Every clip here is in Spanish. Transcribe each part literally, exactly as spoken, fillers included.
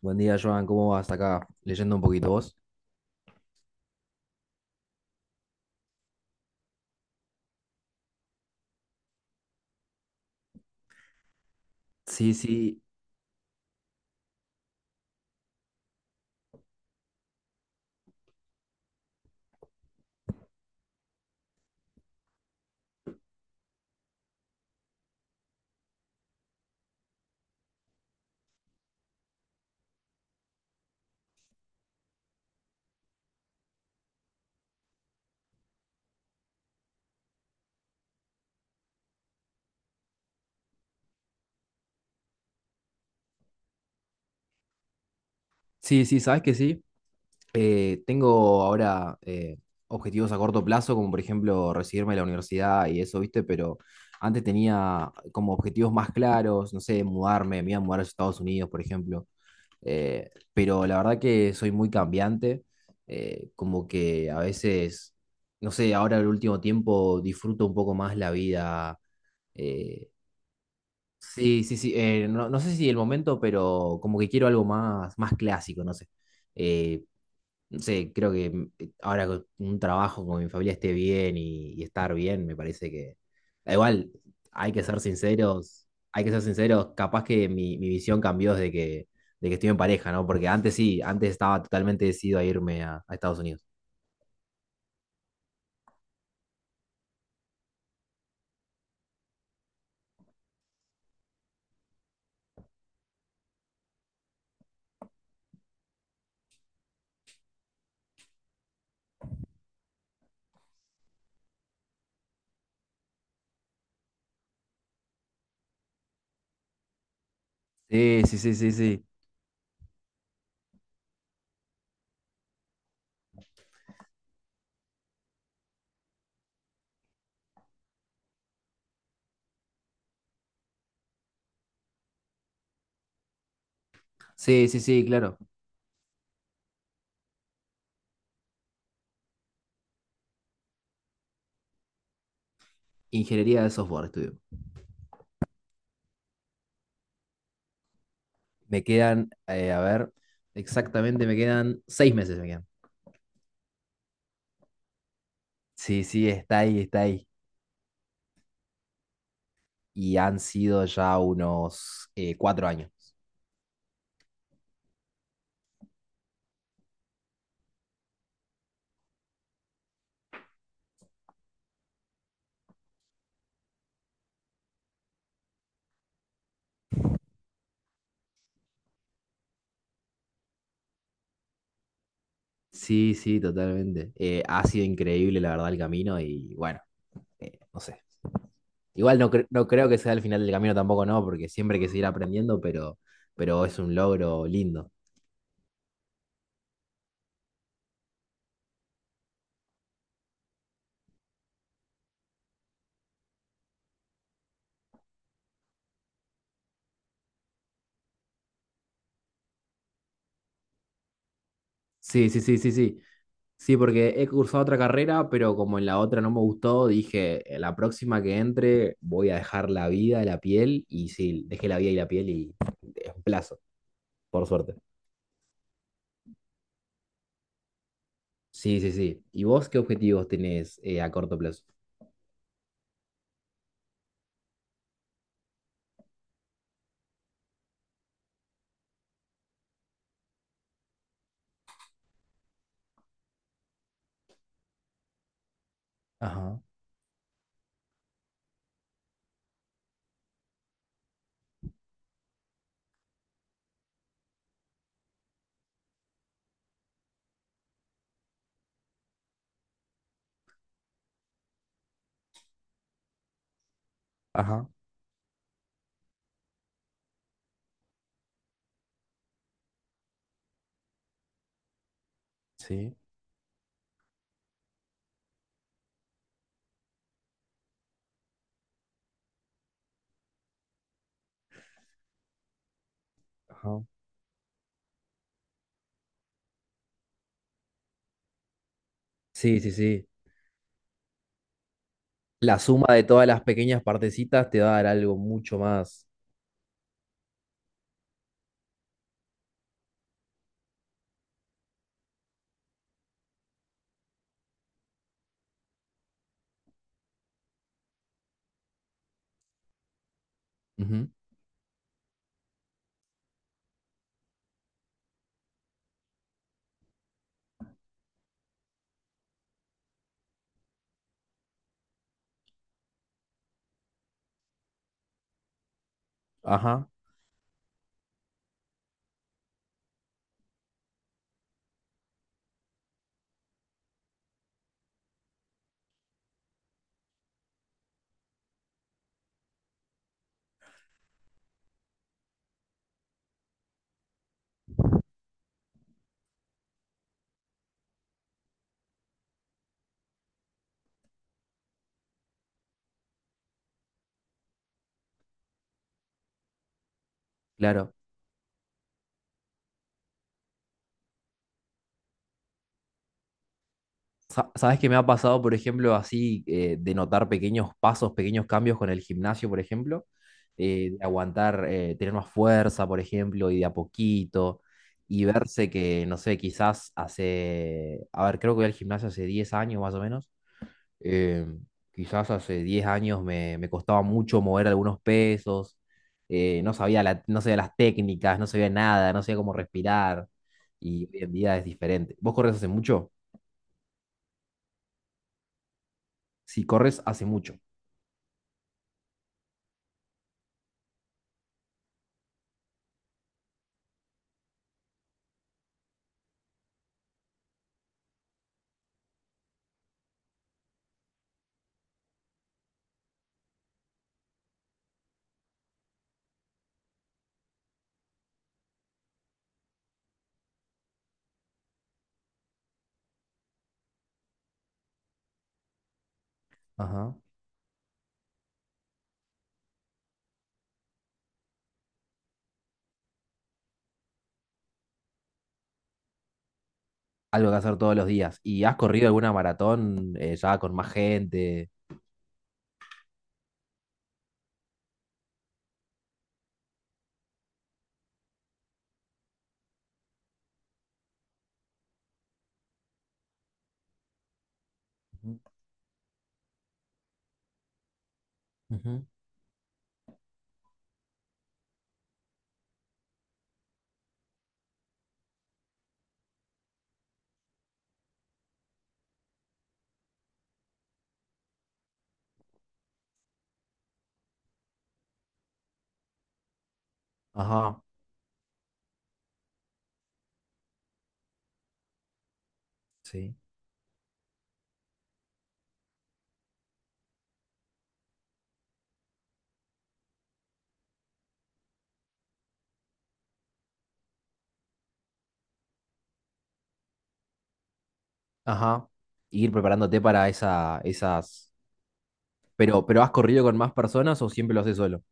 Buen día, Joan. ¿Cómo vas acá? Leyendo un poquito vos. Sí, sí, sí, sí, sabes que sí. Eh, tengo ahora eh, objetivos a corto plazo, como por ejemplo recibirme de la universidad y eso, ¿viste? Pero antes tenía como objetivos más claros, no sé, mudarme, me iba a mudar a Estados Unidos, por ejemplo. Eh, pero la verdad que soy muy cambiante, eh, como que a veces, no sé, ahora el último tiempo disfruto un poco más la vida. eh, Sí, sí, sí. Eh, no, no sé si el momento, pero como que quiero algo más, más clásico, no sé. Eh, no sé, creo que mm, eh, ahora con un trabajo con mi familia esté bien y, y estar bien, me parece que. Da igual, hay que ser sinceros, hay que ser sinceros, capaz que mi, mi visión cambió desde que, de que estoy en pareja, ¿no? Porque antes sí, antes estaba totalmente decidido a irme a, a Estados Unidos. Sí, sí, sí, sí, sí. Sí, sí, sí, claro. Ingeniería de software estudio. Me quedan, eh, a ver, exactamente, me quedan seis meses, me quedan. Sí, sí, está ahí, está ahí. Y han sido ya unos eh, cuatro años. Sí, sí, totalmente. Eh, ha sido increíble, la verdad, el camino y bueno, eh, no sé. Igual no, cre- no creo que sea el final del camino tampoco, no, porque siempre hay que seguir aprendiendo, pero, pero es un logro lindo. Sí, sí, sí, sí, sí. Sí, porque he cursado otra carrera, pero como en la otra no me gustó, dije: "Eh, la próxima que entre voy a dejar la vida y la piel", y sí, dejé la vida y la piel y es un plazo, por suerte. Sí, sí, sí. ¿Y vos qué objetivos tenés eh, a corto plazo? Ajá, ajá, sí, ajá. Sí, sí, sí. La suma de todas las pequeñas partecitas te va a dar algo mucho más. Ujú. Ajá, claro. Sa- Sabes que me ha pasado, por ejemplo, así eh, de notar pequeños pasos, pequeños cambios con el gimnasio, por ejemplo, eh, de aguantar, eh, tener más fuerza, por ejemplo, y de a poquito, y verse que, no sé, quizás hace, a ver, creo que voy al gimnasio hace diez años más o menos, eh, quizás hace diez años me, me costaba mucho mover algunos pesos, eh, no sabía la- no sabía las técnicas, no sabía nada, no sabía cómo respirar, y hoy en día es diferente. ¿Vos corres hace mucho? Si corres hace mucho. Ajá. Algo que hacer todos los días. ¿Y has corrido alguna maratón eh, ya con más gente? Ujú, ujú. Ajá, sí. Ajá. Ir preparándote para esa, esas... Pero, pero ¿has corrido con más personas o siempre lo haces solo?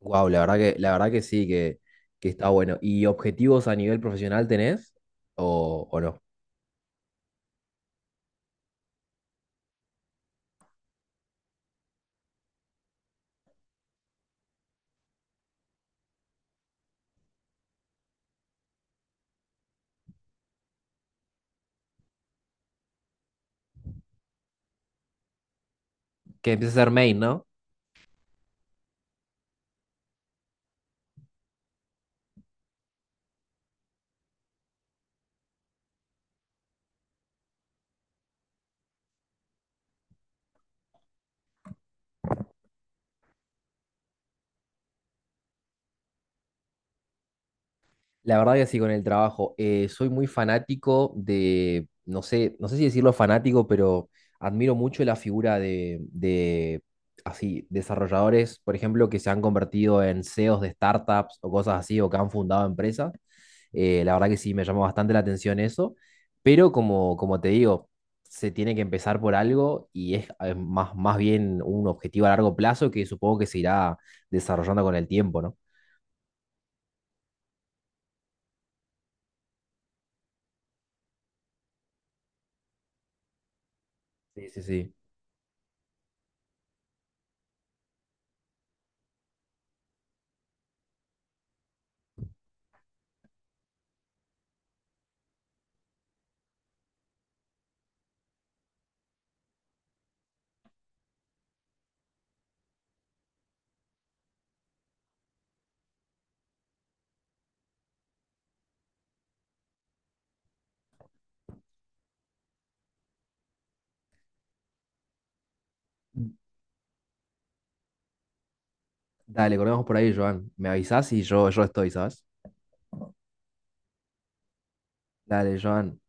Wow, la verdad que, la verdad que sí, que, que está bueno. ¿Y objetivos a nivel profesional tenés? ¿O, o no? Que empieces a ser main, ¿no? La verdad que sí, con el trabajo. Eh, soy muy fanático de, no sé, no sé si decirlo fanático, pero admiro mucho la figura de, de, así, desarrolladores, por ejemplo, que se han convertido en C E Os de startups o cosas así, o que han fundado empresas. Eh, la verdad que sí, me llamó bastante la atención eso, pero como, como te digo, se tiene que empezar por algo y es eh, más, más bien un objetivo a largo plazo que supongo que se irá desarrollando con el tiempo, ¿no? Sí, sí, sí. Dale, corremos por ahí, Joan. Me avisás y yo, yo estoy, ¿sabes? Dale, Joan.